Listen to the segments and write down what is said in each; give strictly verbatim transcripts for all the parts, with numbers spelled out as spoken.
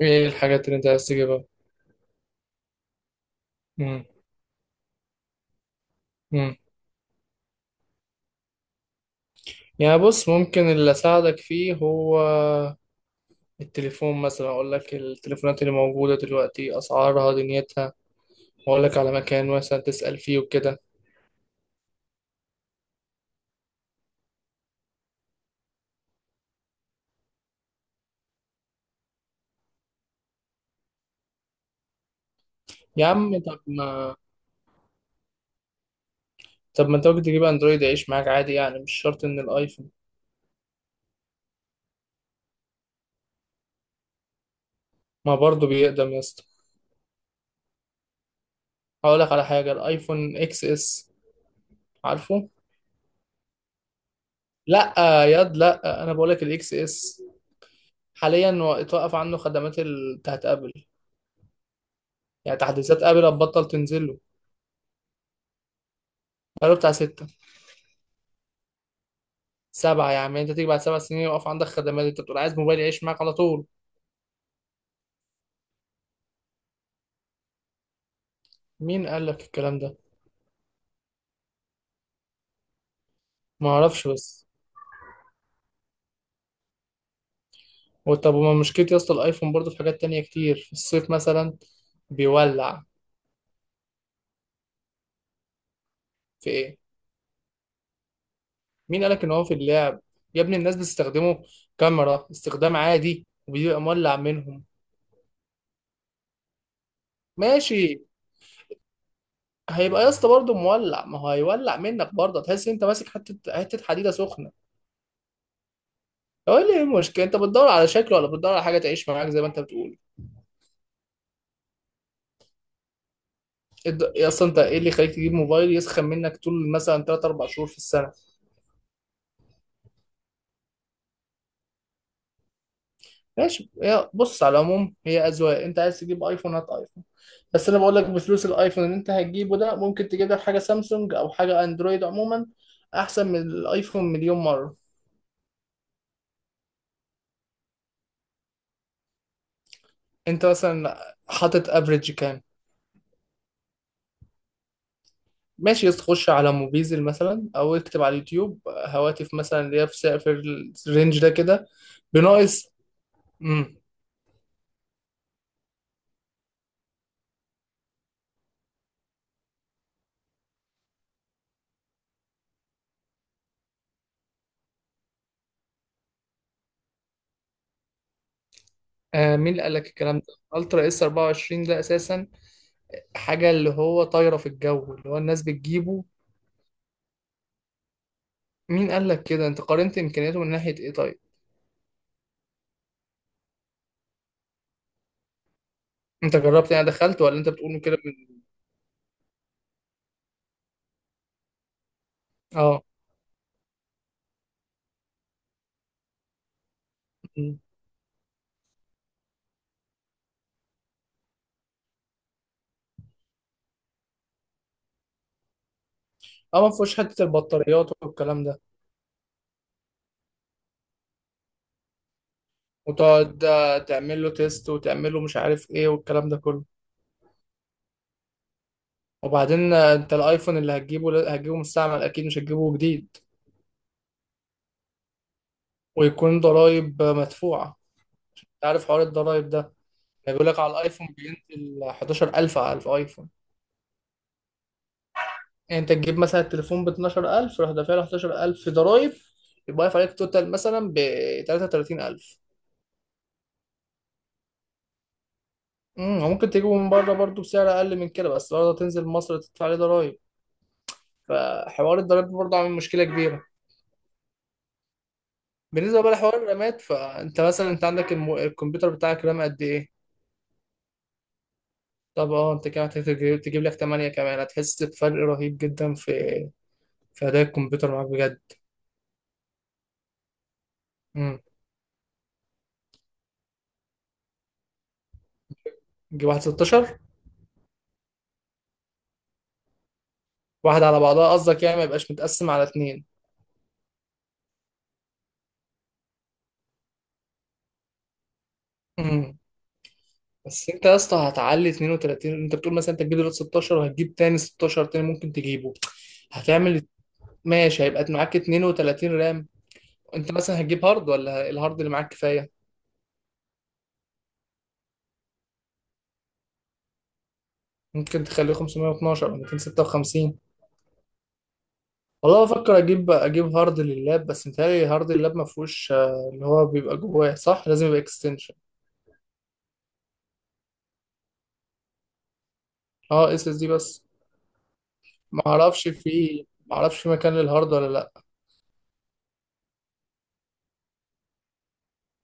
ايه الحاجات اللي انت عايز تجيبها؟ مم. مم. يعني بص، ممكن اللي اساعدك فيه هو التليفون مثلا، اقول لك التليفونات اللي موجوده دلوقتي اسعارها دنيتها، واقول لك على مكان مثلا تسال فيه وكده. يا عم طب ما طب ما انت ممكن تجيب اندرويد يعيش معاك عادي، يعني مش شرط ان الايفون. ما برضه بيقدم يا اسطى. هقول لك على حاجه، الايفون اكس اس، عارفه؟ لا ياد لا، انا بقول لك الاكس اس حاليا هو اتوقف عنه خدمات ال- بتاعت ابل، يعني تحديثات ابل هتبطل تنزله. بقاله بتاع ستة. سبعة يا عم، انت تيجي بعد سبع سنين يقف عندك خدمات، انت بتقول عايز موبايل يعيش معاك على طول. مين قال لك الكلام ده؟ ما اعرفش بس. وطب وما مشكلة يا اسطى، الايفون برضه في حاجات تانية كتير، في الصيف مثلا بيولع. في ايه؟ مين قال لك ان هو في اللعب؟ يا ابني الناس بتستخدمه كاميرا استخدام عادي وبيبقى مولع منهم. ماشي، هيبقى يا اسطى برضه مولع، ما هو هيولع منك برضه، تحس انت ماسك حتة حتة حديدة سخنة. هو ايه اللي- إيه المشكلة، انت بتدور على شكل ولا بتدور على حاجة تعيش معاك زي ما انت بتقول؟ إد- يا اصلا انت ايه اللي يخليك تجيب موبايل يسخن منك طول مثلا ثلاثة اربعة شهور في السنه؟ ماشي، هي بص على العموم هي اذواق، انت عايز تجيب ايفون هات ايفون. بس انا بقول لك بفلوس الايفون اللي انت هتجيبه ده ممكن تجيب لك حاجه سامسونج او حاجه اندرويد عموما احسن من الايفون مليون مره. انت مثلا حاطط افريج كام؟ ماشي، تخش على موبيزل مثلا او اكتب على اليوتيوب هواتف مثلا اللي هي في سعر، في الرينج ده كده. بناقص. امم. آه، مين اللي قال لك الكلام ده؟ الترا اس اربعة وعشرين ده اساسا حاجة اللي هو طايرة في الجو اللي هو الناس بتجيبه. مين قال لك كده؟ انت قارنت امكانياته من ناحية ايه طيب؟ انت جربت يعني دخلت ولا انت بتقول كده من... اه. م. اه، ما فيهوش حتة البطاريات والكلام ده. وتقعد آه، تعمل له تيست وتعمل له مش عارف ايه والكلام ده كله. وبعدين آه، انت الايفون اللي هتجيبه لا- هتجيبه مستعمل اكيد مش هتجيبه جديد. ويكون ضرايب آه، مدفوعة. انت عارف حوار الضرايب ده؟ بيقول لك على الايفون بينزل حداشر الف على الايفون. يعني انت تجيب مثلا التليفون ب اتناشر الف، راح دافع له حداشر الف ضرايب، يبقى واقف عليك توتال مثلا ب تلاتة وتلاتين الف. امم، وممكن تجيبه من بره برضه بسعر اقل من كده، بس برضه تنزل مصر تدفع عليه ضرايب، فحوار الضرايب برضه عامل مشكله كبيره. بالنسبه بقى لحوار الرامات، فانت مثلا انت عندك الم... الكمبيوتر بتاعك رام قد ايه؟ طب اه، انت كده محتاج تجيب تجيب لك تمانية كمان، هتحس بفرق رهيب جدا في في اداء الكمبيوتر معاك بجد. امم. تجيب واحد ستاشر. واحد على بعضها قصدك، يعني ما يبقاش متقسم على اتنين. بس انت يا اسطى هتعلي اثنين وثلاثين، انت بتقول مثلا انت تجيب دلوقتي ستاشر وهتجيب تاني ستاشر تاني ممكن تجيبه. هتعمل. ماشي، هيبقى معاك اثنين وثلاثين رام. انت مثلا هتجيب هارد ولا الهارد اللي معاك كفايه؟ ممكن تخليه خمسمائة واثني عشر او مئتين وستة وخمسين. والله بفكر اجيب اجيب هارد لللاب، بس متهيألي هارد اللاب ما فيهوش آه، اللي هو بيبقى جواه صح، لازم يبقى اكستنشن. اه، اس اس دي بس. ما اعرفش في ما اعرفش مكان للهارد ولا لا.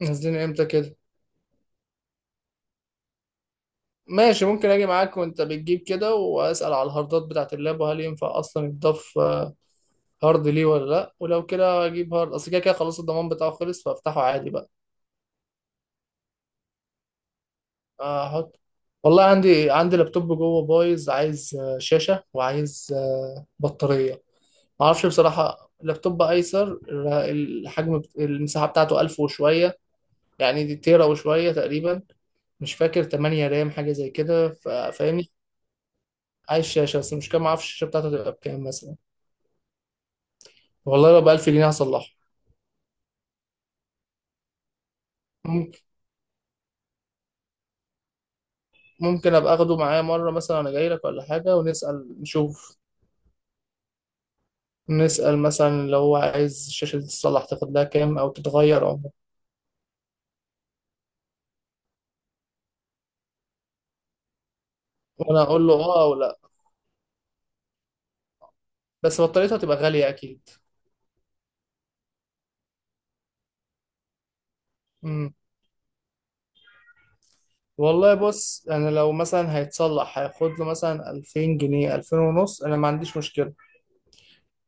نازلين امتى كده؟ ماشي، ممكن اجي معاك وانت بتجيب كده واسال على الهاردات بتاعه اللاب، وهل ينفع اصلا يتضاف هارد ليه ولا لا، ولو كده اجيب هارد، اصل كده كده خلاص الضمان بتاعه خلص فافتحه عادي بقى. احط. والله عندي عندي لابتوب جوه بايظ، عايز آه، شاشه وعايز آه، بطاريه. ما اعرفش بصراحه، لابتوب ايسر، الحجم بت- المساحه بتاعته الف وشويه، يعني دي تيرا وشويه تقريبا، مش فاكر، تمانية رام حاجه زي كده، ف- فاهمني. عايز شاشه بس مش كده، ما اعرفش الشاشه بتاعته تبقى بكام مثلا. والله لو بألف جنيه هصلحه. ممكن ممكن أبقى أخده معايا مرة مثلا أنا جاي لك ولا حاجة ونسأل نشوف. نسأل مثلا لو هو عايز الشاشة دي تتصلح تاخد لها كام أو تتغير أو... وأنا أقول له أه أو لأ. بس بطاريتها هتبقى غالية أكيد. مم. والله بص، أنا لو مثلا هيتصلح هياخد له مثلا ألفين جنيه، ألفين ونص، أنا ما عنديش مشكلة.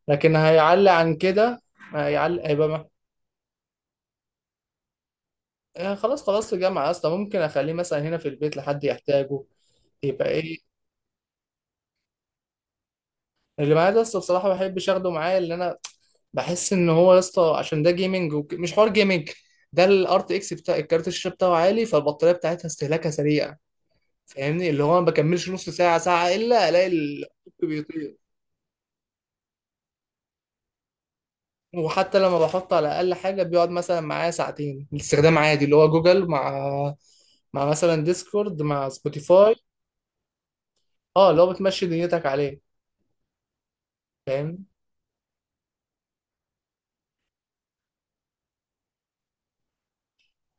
لكن هيعلى عن كده، هيعلى، هيبقى مح- آه، خلاص خلاص الجامعة أصلا ممكن أخليه مثلا هنا في البيت لحد يحتاجه. يبقى ايه؟ اللي معايا ده اسطى بصراحه ما بحبش اخده معايا، اللي انا بحس ان هو يا اسطى، عشان ده جيمنج وك... مش حوار جيمنج، ده الار تي اكس بتاع الكارت الشاشه بتاعه عالي، فالبطاريه بتاعتها استهلاكها سريع، فاهمني، اللي هو ما بكملش نص ساعه، ساعه الا الاقي الخط بيطير. وحتى لما بحط على اقل حاجه بيقعد مثلا معايا ساعتين الاستخدام عادي اللي هو جوجل مع مع مثلا ديسكورد مع سبوتيفاي. اه، اللي هو بتمشي دنيتك عليه. فاهم.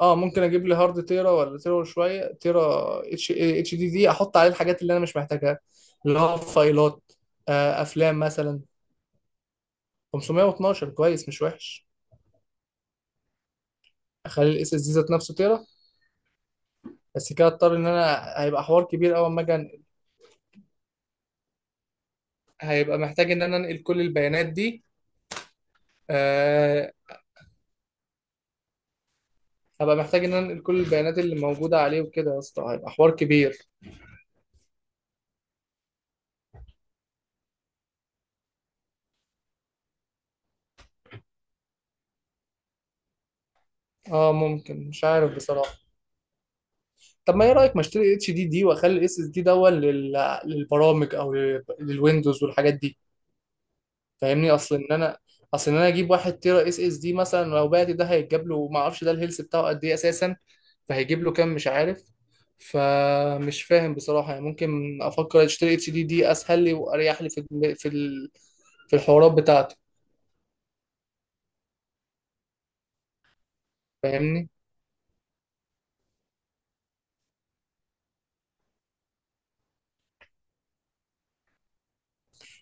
اه، ممكن اجيب لي هارد تيرا ولا تيرا وشويه، تيرا اتش اتش دي دي، احط عليه الحاجات اللي انا مش محتاجها اللي هو فايلات. آه، افلام مثلا. خمسميه واتناشر كويس مش وحش. اخلي الاس اس دي ذات نفسه تيرا. بس كده اضطر ان انا هيبقى حوار كبير قوي اما اجي أنقل. هيبقى محتاج ان انا انقل كل البيانات دي. آه، هبقى محتاج ان انا انقل كل البيانات اللي موجوده عليه وكده يا اسطى، هيبقى حوار كبير. اه ممكن، مش عارف بصراحه. طب ما ايه رايك ما اشتري اتش دي دي واخلي الاس اس دي دون لل- للبرامج او لل- للويندوز والحاجات دي. فاهمني، اصل ان انا اصل ان انا اجيب واحد تيرا اس اس دي مثلا لو بعت ده هيتجاب له، ما اعرفش ده الهيلث بتاعه قد ايه اساسا، فهيجيب له كام مش عارف. فمش فاهم بصراحه، يعني ممكن افكر اشتري اتش دي دي اسهل لي واريح لي في الم- في ال- في الحوارات بتاعته. فاهمني.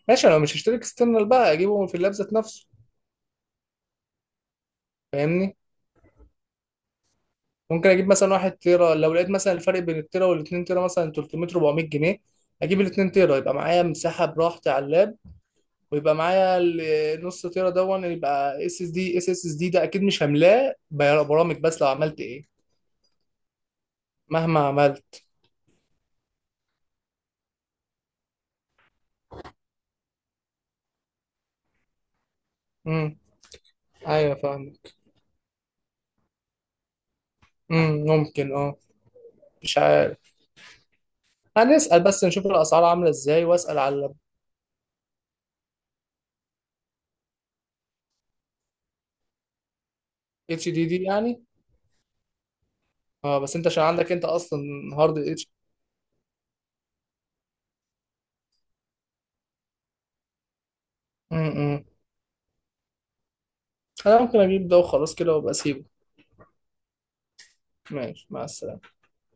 ماشي، انا مش هشتري اكسترنال بقى، اجيبه من في اللاب ذات نفسه. فاهمني. ممكن اجيب مثلا واحد تيرا لو لقيت مثلا الفرق بين التيرا والاتنين تيرا مثلا تلتميه أربعمائة جنيه، اجيب الاتنين تيرا يبقى معايا مساحه براحتي على اللاب، ويبقى معايا النص تيرا دون يبقى اس اس دي، اس اس اس دي ده اكيد مش هملاه بر- برامج بس لو عملت ايه، مهما عملت. امم. ايوه فاهم. امم. ممكن اه. مش عارف، هنسال بس نشوف الاسعار عامله ازاي واسال على. اتش دي دي يعني. اه، بس انت عشان عندك انت اصلا هارد اتش. امم. انا ممكن اجيب ده وخلاص كده وابقى اسيبه. ماشي مع السلامه.